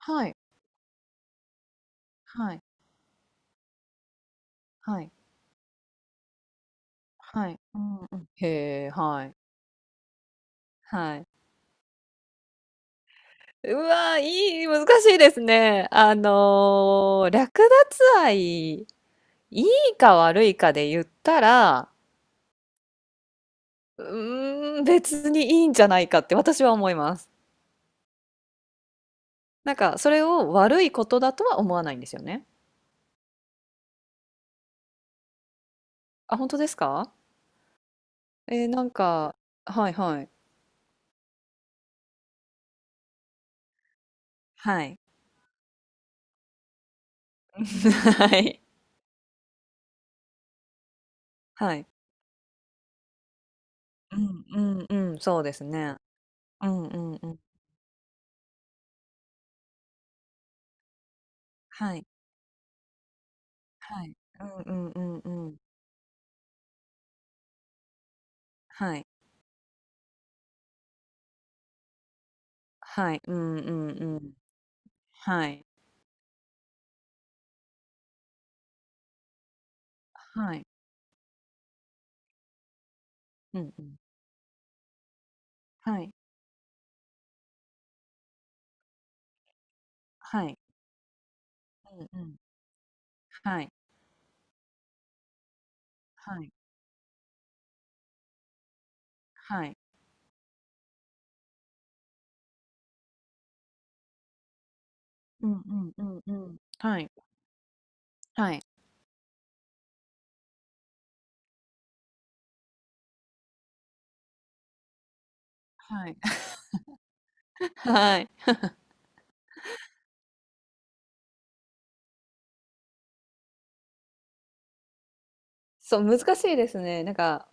はい、はい、はい、はい。うんうん。へえ、はい。はい。うわ、難しいですね。略奪愛、いいか悪いかで言ったら、うーん、別にいいんじゃないかって私は思います。なんか、それを悪いことだとは思わないんですよね。あ、本当ですか？ええ、なんかはいはい。はい。はい。はい。うんうんうん、そうですね。うんうんうん。はい。はい。うんうんうんうん。はい。はい。うんうんうん。はい。はい。うんうん。はい。はい。うんうん。はい。はい。はい。うんうんうんうん。はい。はい。はい。はい。そう、難しいですね。なんか、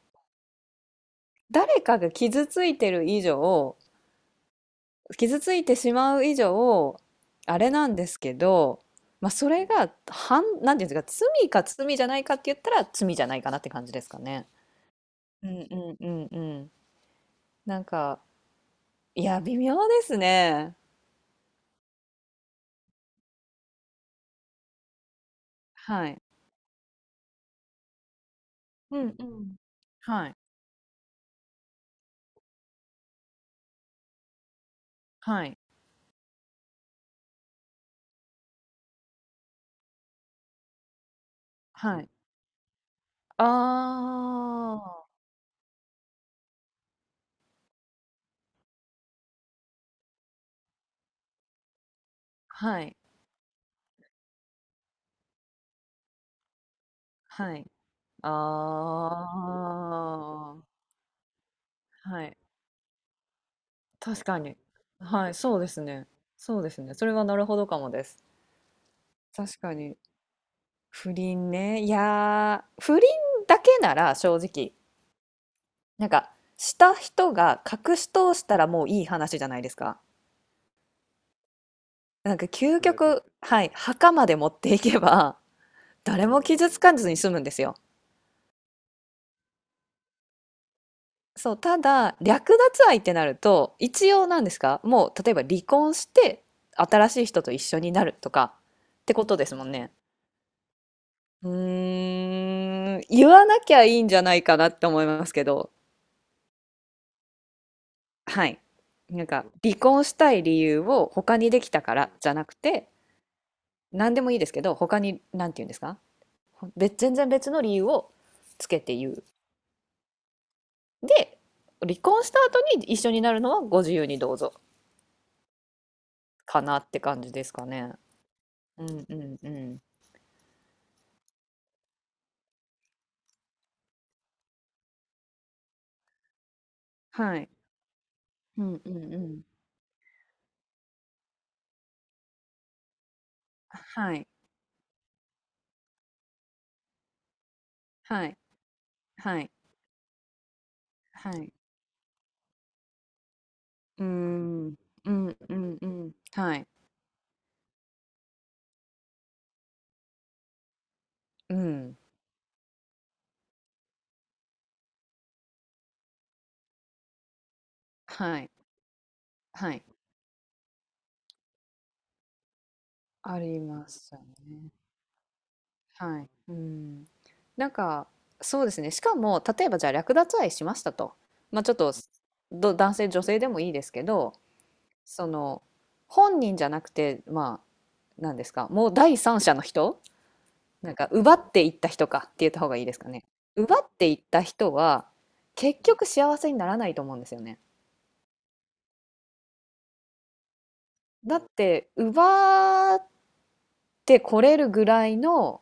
誰かが傷ついてる以上、傷ついてしまう以上、あれなんですけど、まあ、それが、なんていうんですか、罪か罪じゃないかって言ったら、罪じゃないかなって感じですかね。うんうんうんうん。なんか、いや、微妙ですね。はい。うんうん。はい、はい、はい。ああ、はい、はい。ああ、はい。確かに。はい、そうですね。そうですね。それはなるほどかもです。確かに。不倫ね。いやー、不倫だけなら正直、なんか、した人が隠し通したらもういい話じゃないですか。なんか究極、ねはい、墓まで持っていけば誰も傷つかずに済むんですよ。そう、ただ、略奪愛ってなると、一応なんですか、もう例えば離婚して、新しい人と一緒になるとかってことですもんね。うーん、言わなきゃいいんじゃないかなって思いますけど、はい。なんか、離婚したい理由を他にできたからじゃなくて、何でもいいですけど、他に、なんて言うんですか、別、全然別の理由をつけて言う。で、離婚した後に一緒になるのはご自由にどうぞかなって感じですかね。うんうんうん。はい。うんうんうん。はい、はい、はい、はい。うーん。うんうんうん。はい。うん。はい、はい。ありますよね。はい。うん。なんか、そうですね。しかも、例えばじゃあ略奪愛しましたと。まあ、ちょっと、男性、女性でもいいですけど、その、本人じゃなくて、まあ、なんですか、もう第三者の人なんか奪っていった人かって言った方がいいですかね。奪っていった人は結局幸せにならないと思うんですよね。だって奪ってこれるぐらいの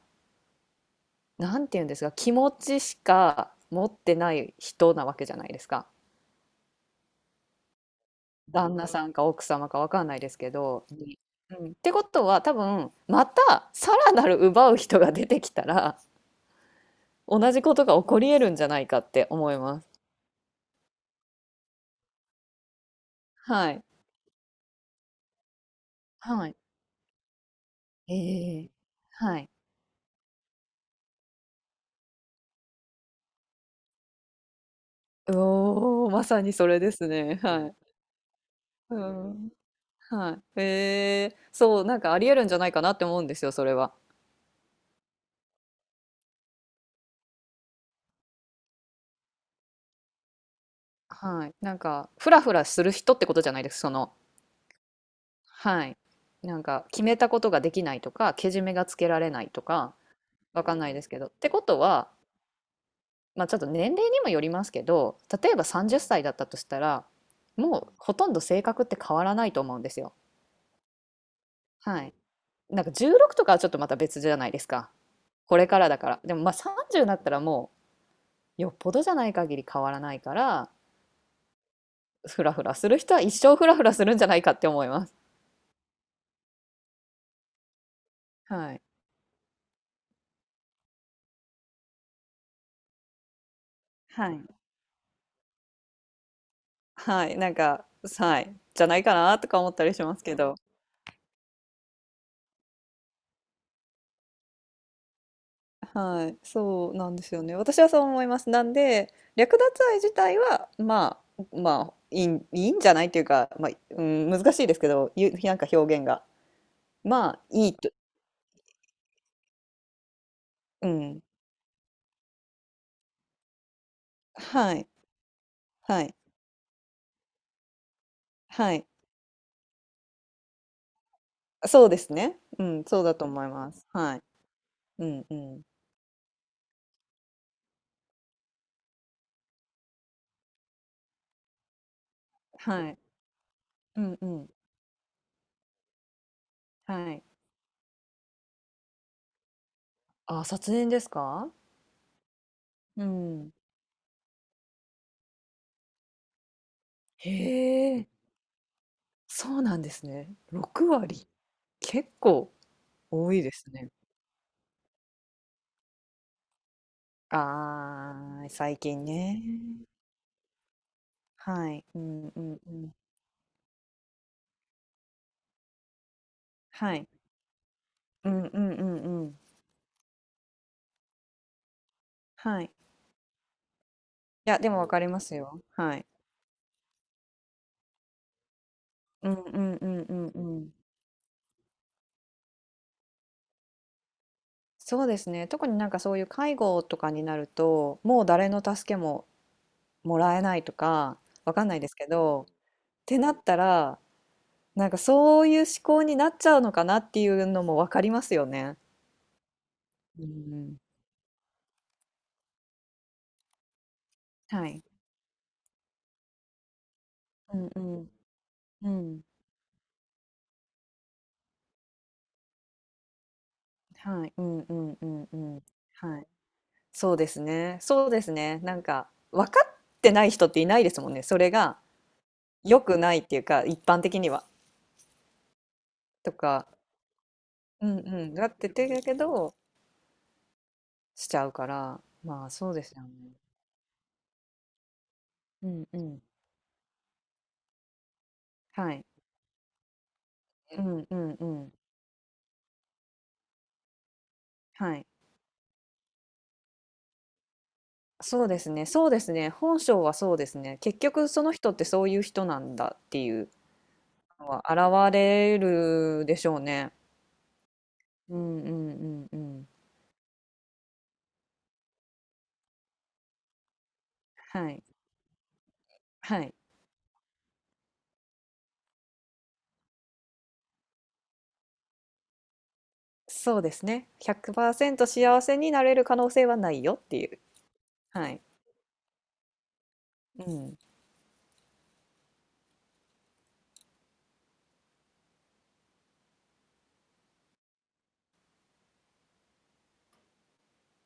なんて言うんですか気持ちしか持ってない人なわけじゃないですか。旦那さんか奥様かわかんないですけど。うん、ってことは多分またさらなる奪う人が出てきたら同じことが起こり得るんじゃないかって思います。はい。はい。ええはい。おお、まさにそれですね。はい。うん。はい。そう、なんかありえるんじゃないかなって思うんですよ、それは。はい。なんか、フラフラする人ってことじゃないです、そのはい。なんか、決めたことができないとか、けじめがつけられないとか、わかんないですけど。ってことは、ま、ちょっと年齢にもよりますけど、例えば30歳だったとしたら、もうほとんど性格って変わらないと思うんですよ。はい。なんか16とかはちょっとまた別じゃないですか。これからだから。でも、ま、あ30になったらもうよっぽどじゃない限り変わらないから、フラフラする人は一生フラフラするんじゃないかって思います。はい。はい。はい、なんか、はい、じゃないかなとか思ったりしますけど。はい、そうなんですよね。私はそう思います。なんで、略奪愛自体は、まあ、まあ、いいん、いいんじゃないっていうか、まあ、うん、難しいですけど、なんか表現が。まあ、いいと、うん、はい、はい、はい。そうですね。うん、そうだと思います。はい。うん、うん。はい。うん、うん。はい。あ、卒年ですか？うん。へえ、そうなんですね。6割、結構多いですね。ああ、最近ね。はい。うんうんうん。はい。うんうんうんうん。はい。いや、でも分かりますよ。はい。うんうんうんうんうん。そうですね。特になんかそういう介護とかになると、もう誰の助けももらえないとか、わかんないですけど、ってなったらなんかそういう思考になっちゃうのかなっていうのもわかりますよね。うん、はい。うんうん。うん。はい。うんうんうんうん。はい。そうですね。そうですね。なんか、分かってない人っていないですもんね。それが良くないっていうか、一般的には。とか、うんうん。だっててだけど、しちゃうから、まあそうですよね。うんうん。はい。うんうんうん。はい。そうですね、そうですね、本性はそうですね。結局その人ってそういう人なんだっていうのは現れるでしょうね。うんうんうんうん。はい。はい。そうですね。100%幸せになれる可能性はないよっていう。はい。うん。